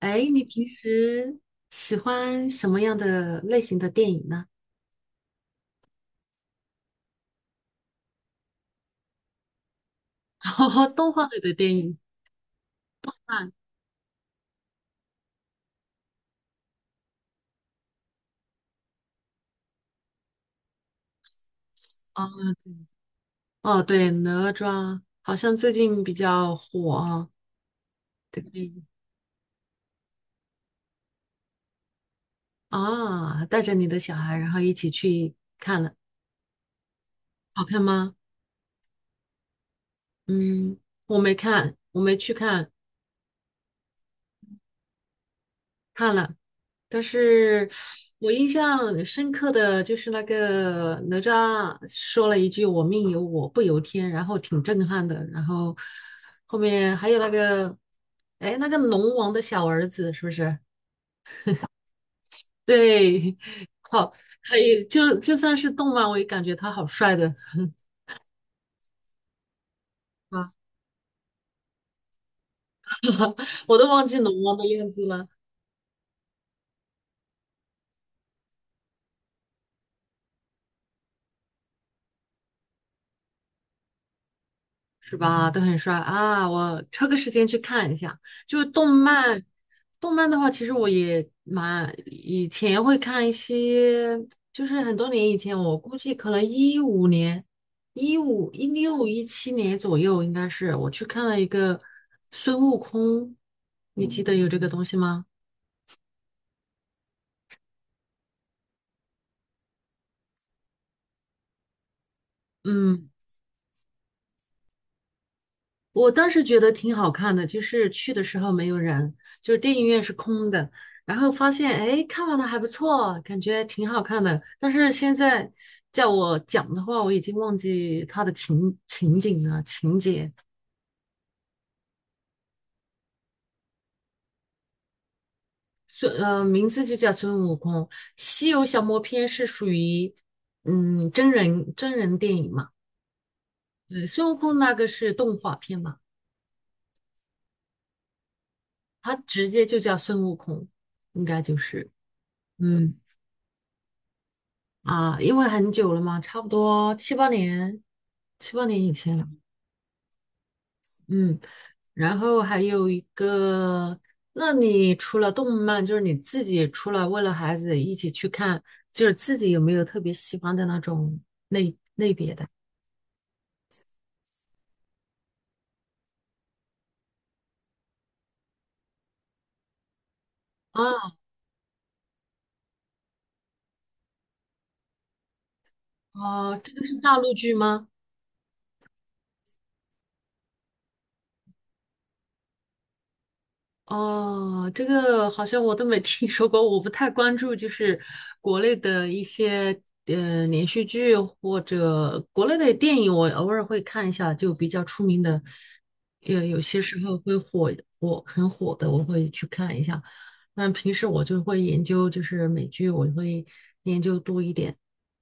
哎，你平时喜欢什么样的类型的电影呢？动画类的电影看啊，哦对哦，对，哪吒好像最近比较火啊，这个电影啊，带着你的小孩，然后一起去看了，好看吗？嗯，我没看，我没去看，看了，但是我印象很深刻的就是那个哪吒说了一句"我命由我不由天"，然后挺震撼的。然后后面还有那个，哎，那个龙王的小儿子是不是？对，好，还有就算是动漫，我也感觉他好帅的，啊 我都忘记龙王的样子了。是吧？都很帅啊！我抽个时间去看一下。就是动漫，动漫的话，其实我也蛮以前会看一些，就是很多年以前，我估计可能2015年、一五、2016、2017年左右，应该是我去看了一个孙悟空，你记得有这个东西吗？嗯，我当时觉得挺好看的，就是去的时候没有人，就是电影院是空的，然后发现哎，看完了还不错，感觉挺好看的。但是现在叫我讲的话，我已经忘记它的情景了，情节。名字就叫孙悟空，《西游降魔篇》是属于真人电影嘛，对，孙悟空那个是动画片嘛，它直接就叫孙悟空，应该就是嗯。啊，因为很久了嘛，差不多七八年，七八年以前了。嗯，然后还有一个，那你除了动漫，就是你自己除了为了孩子一起去看，就是自己有没有特别喜欢的那种类？啊，啊，这个是大陆剧吗？哦，这个好像我都没听说过，我不太关注，就是国内的一些连续剧或者国内的电影，我偶尔会看一下，就比较出名的，有些时候会很火的，我会去看一下。那平时我就会研究，就是美剧，我会研究多一点，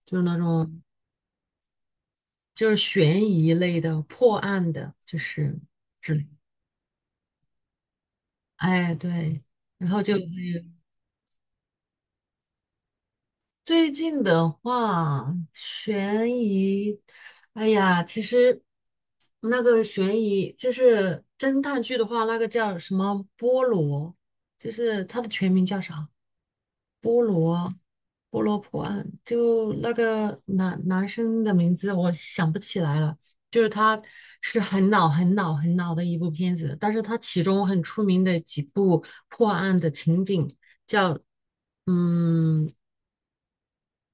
就是那种就是悬疑类的、破案的，就是之类的。哎，对，然后就会。最近的话，悬疑，哎呀，其实那个悬疑就是侦探剧的话，那个叫什么菠萝，就是它的全名叫啥？菠萝破案，就那个男生的名字我想不起来了。就是它是很老很老很老的一部片子，但是它其中很出名的几部破案的情景叫，嗯。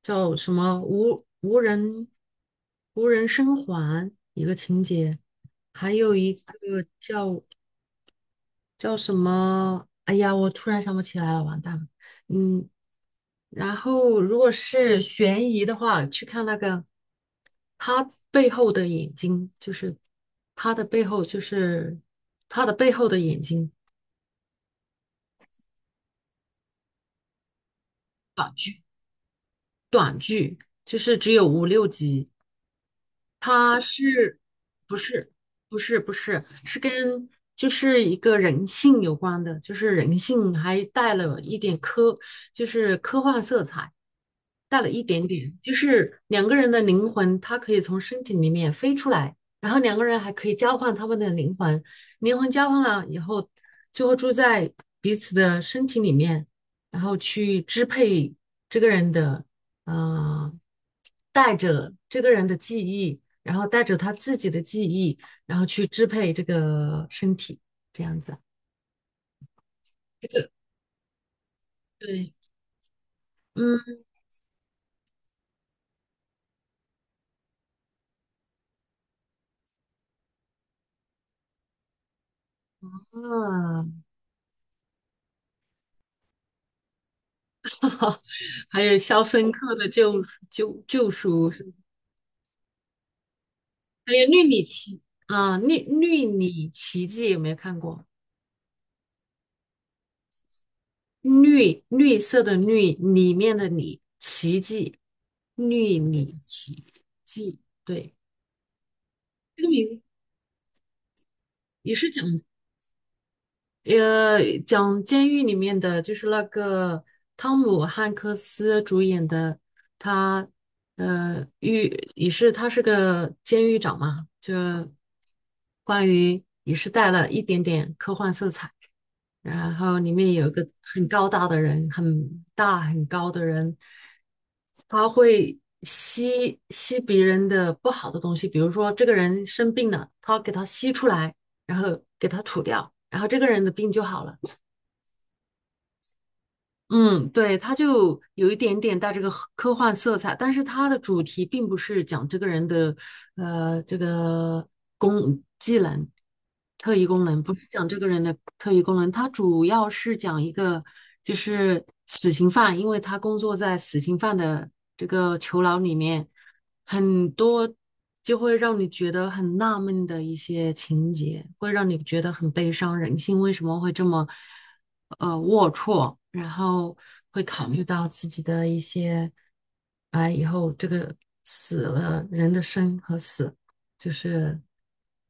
叫什么无人生还一个情节，还有一个叫叫什么？哎呀，我突然想不起来了，完蛋了。嗯，然后如果是悬疑的话，去看那个他背后的眼睛，就是他的背后，就是他的背后的眼睛，就是只有五六集。他是不是不是不是是跟就是一个人性有关的，就是人性还带了一点科，就是科幻色彩，带了一点点，就是两个人的灵魂，它可以从身体里面飞出来，然后两个人还可以交换他们的灵魂，灵魂交换了以后，就会住在彼此的身体里面，然后去支配这个人的，呃，带着这个人的记忆。然后带着他自己的记忆，然后去支配这个身体，这样子。对，嗯，啊还有《肖申克的救赎》，还有《绿里奇迹》有没有看过？绿绿色的绿里面的里奇迹，绿里奇迹，对，这个名也是讲监狱里面的，就是那个汤姆汉克斯主演的，他呃狱也是他是个监狱长嘛，就关于也是带了一点点科幻色彩。然后里面有一个很高大的人，很大很高的人，他会吸别人的不好的东西，比如说这个人生病了，他给他吸出来，然后给他吐掉，然后这个人的病就好了。嗯，对，他就有一点点带这个科幻色彩，但是他的主题并不是讲这个人的这个技能、特异功能，不是讲这个人的特异功能，他主要是讲一个就是死刑犯，因为他工作在死刑犯的这个囚牢里面，很多就会让你觉得很纳闷的一些情节，会让你觉得很悲伤，人性为什么会这么？龌龊，然后会考虑到自己的一些，啊，以后这个死了人的生和死，就是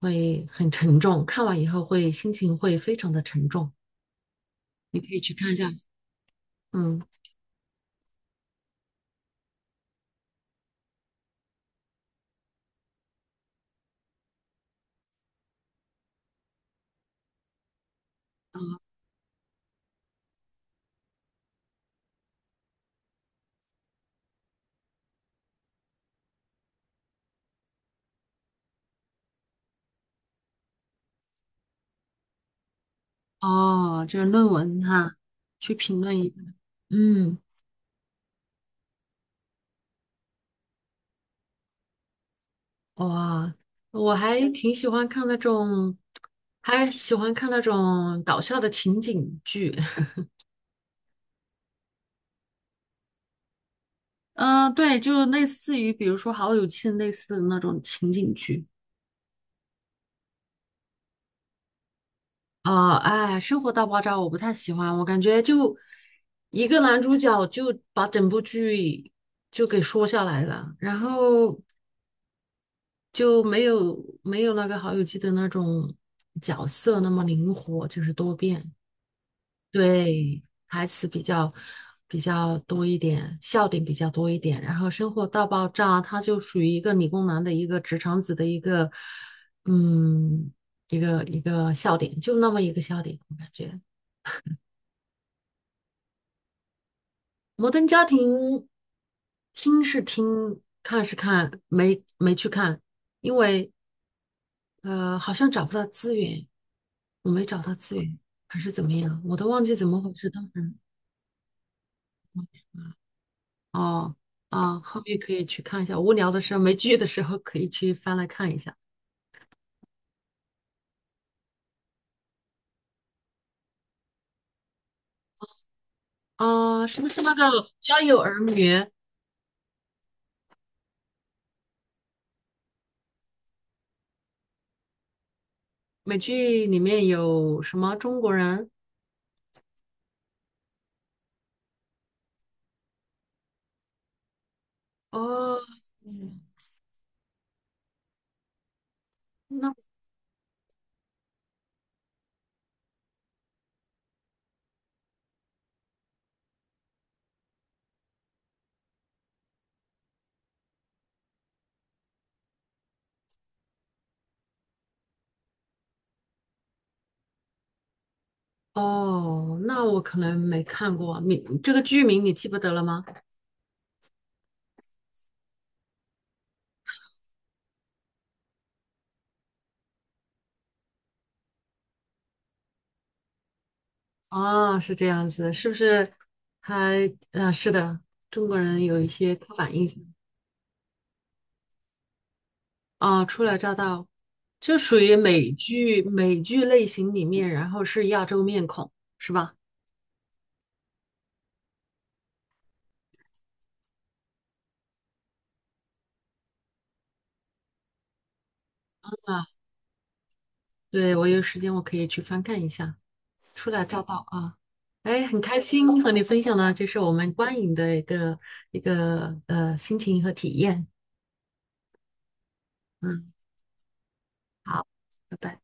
会很沉重，看完以后心情会非常的沉重。你可以去看一下，嗯，哦，这是论文哈，去评论一下，嗯，哇，我还挺喜欢看那种，还喜欢看那种搞笑的情景剧。嗯、对，就类似于比如说《好友记》类似的那种情景剧啊、哎，《生活大爆炸》我不太喜欢，我感觉就一个男主角就把整部剧就给说下来了，然后就没有那个《好友记》的那种角色那么灵活，就是多变。对，台词比较多一点，笑点比较多一点，然后生活大爆炸，它就属于一个理工男的一个直肠子的一个，嗯，一个一个笑点，就那么一个笑点，我感觉《摩登家庭》听是听，看是看，没去看，因为好像找不到资源，我没找到资源，还是怎么样，我都忘记怎么回事，当时。哦，啊，后面可以去看一下，无聊的时候没剧的时候可以去翻来看一下。啊，是不是那个《家有儿女》美剧里面有什么中国人？哦，嗯那哦，那我可能没看过你这个剧名你记不得了吗？啊，是这样子，是不是还？是的，中国人有一些刻板印象。啊，初来乍到，就属于美剧类型里面，然后是亚洲面孔，是吧？啊，对，我有时间我可以去翻看一下《初来乍到》啊。哎，很开心和你分享呢，这是我们观影的一个心情和体验。嗯，好，拜拜。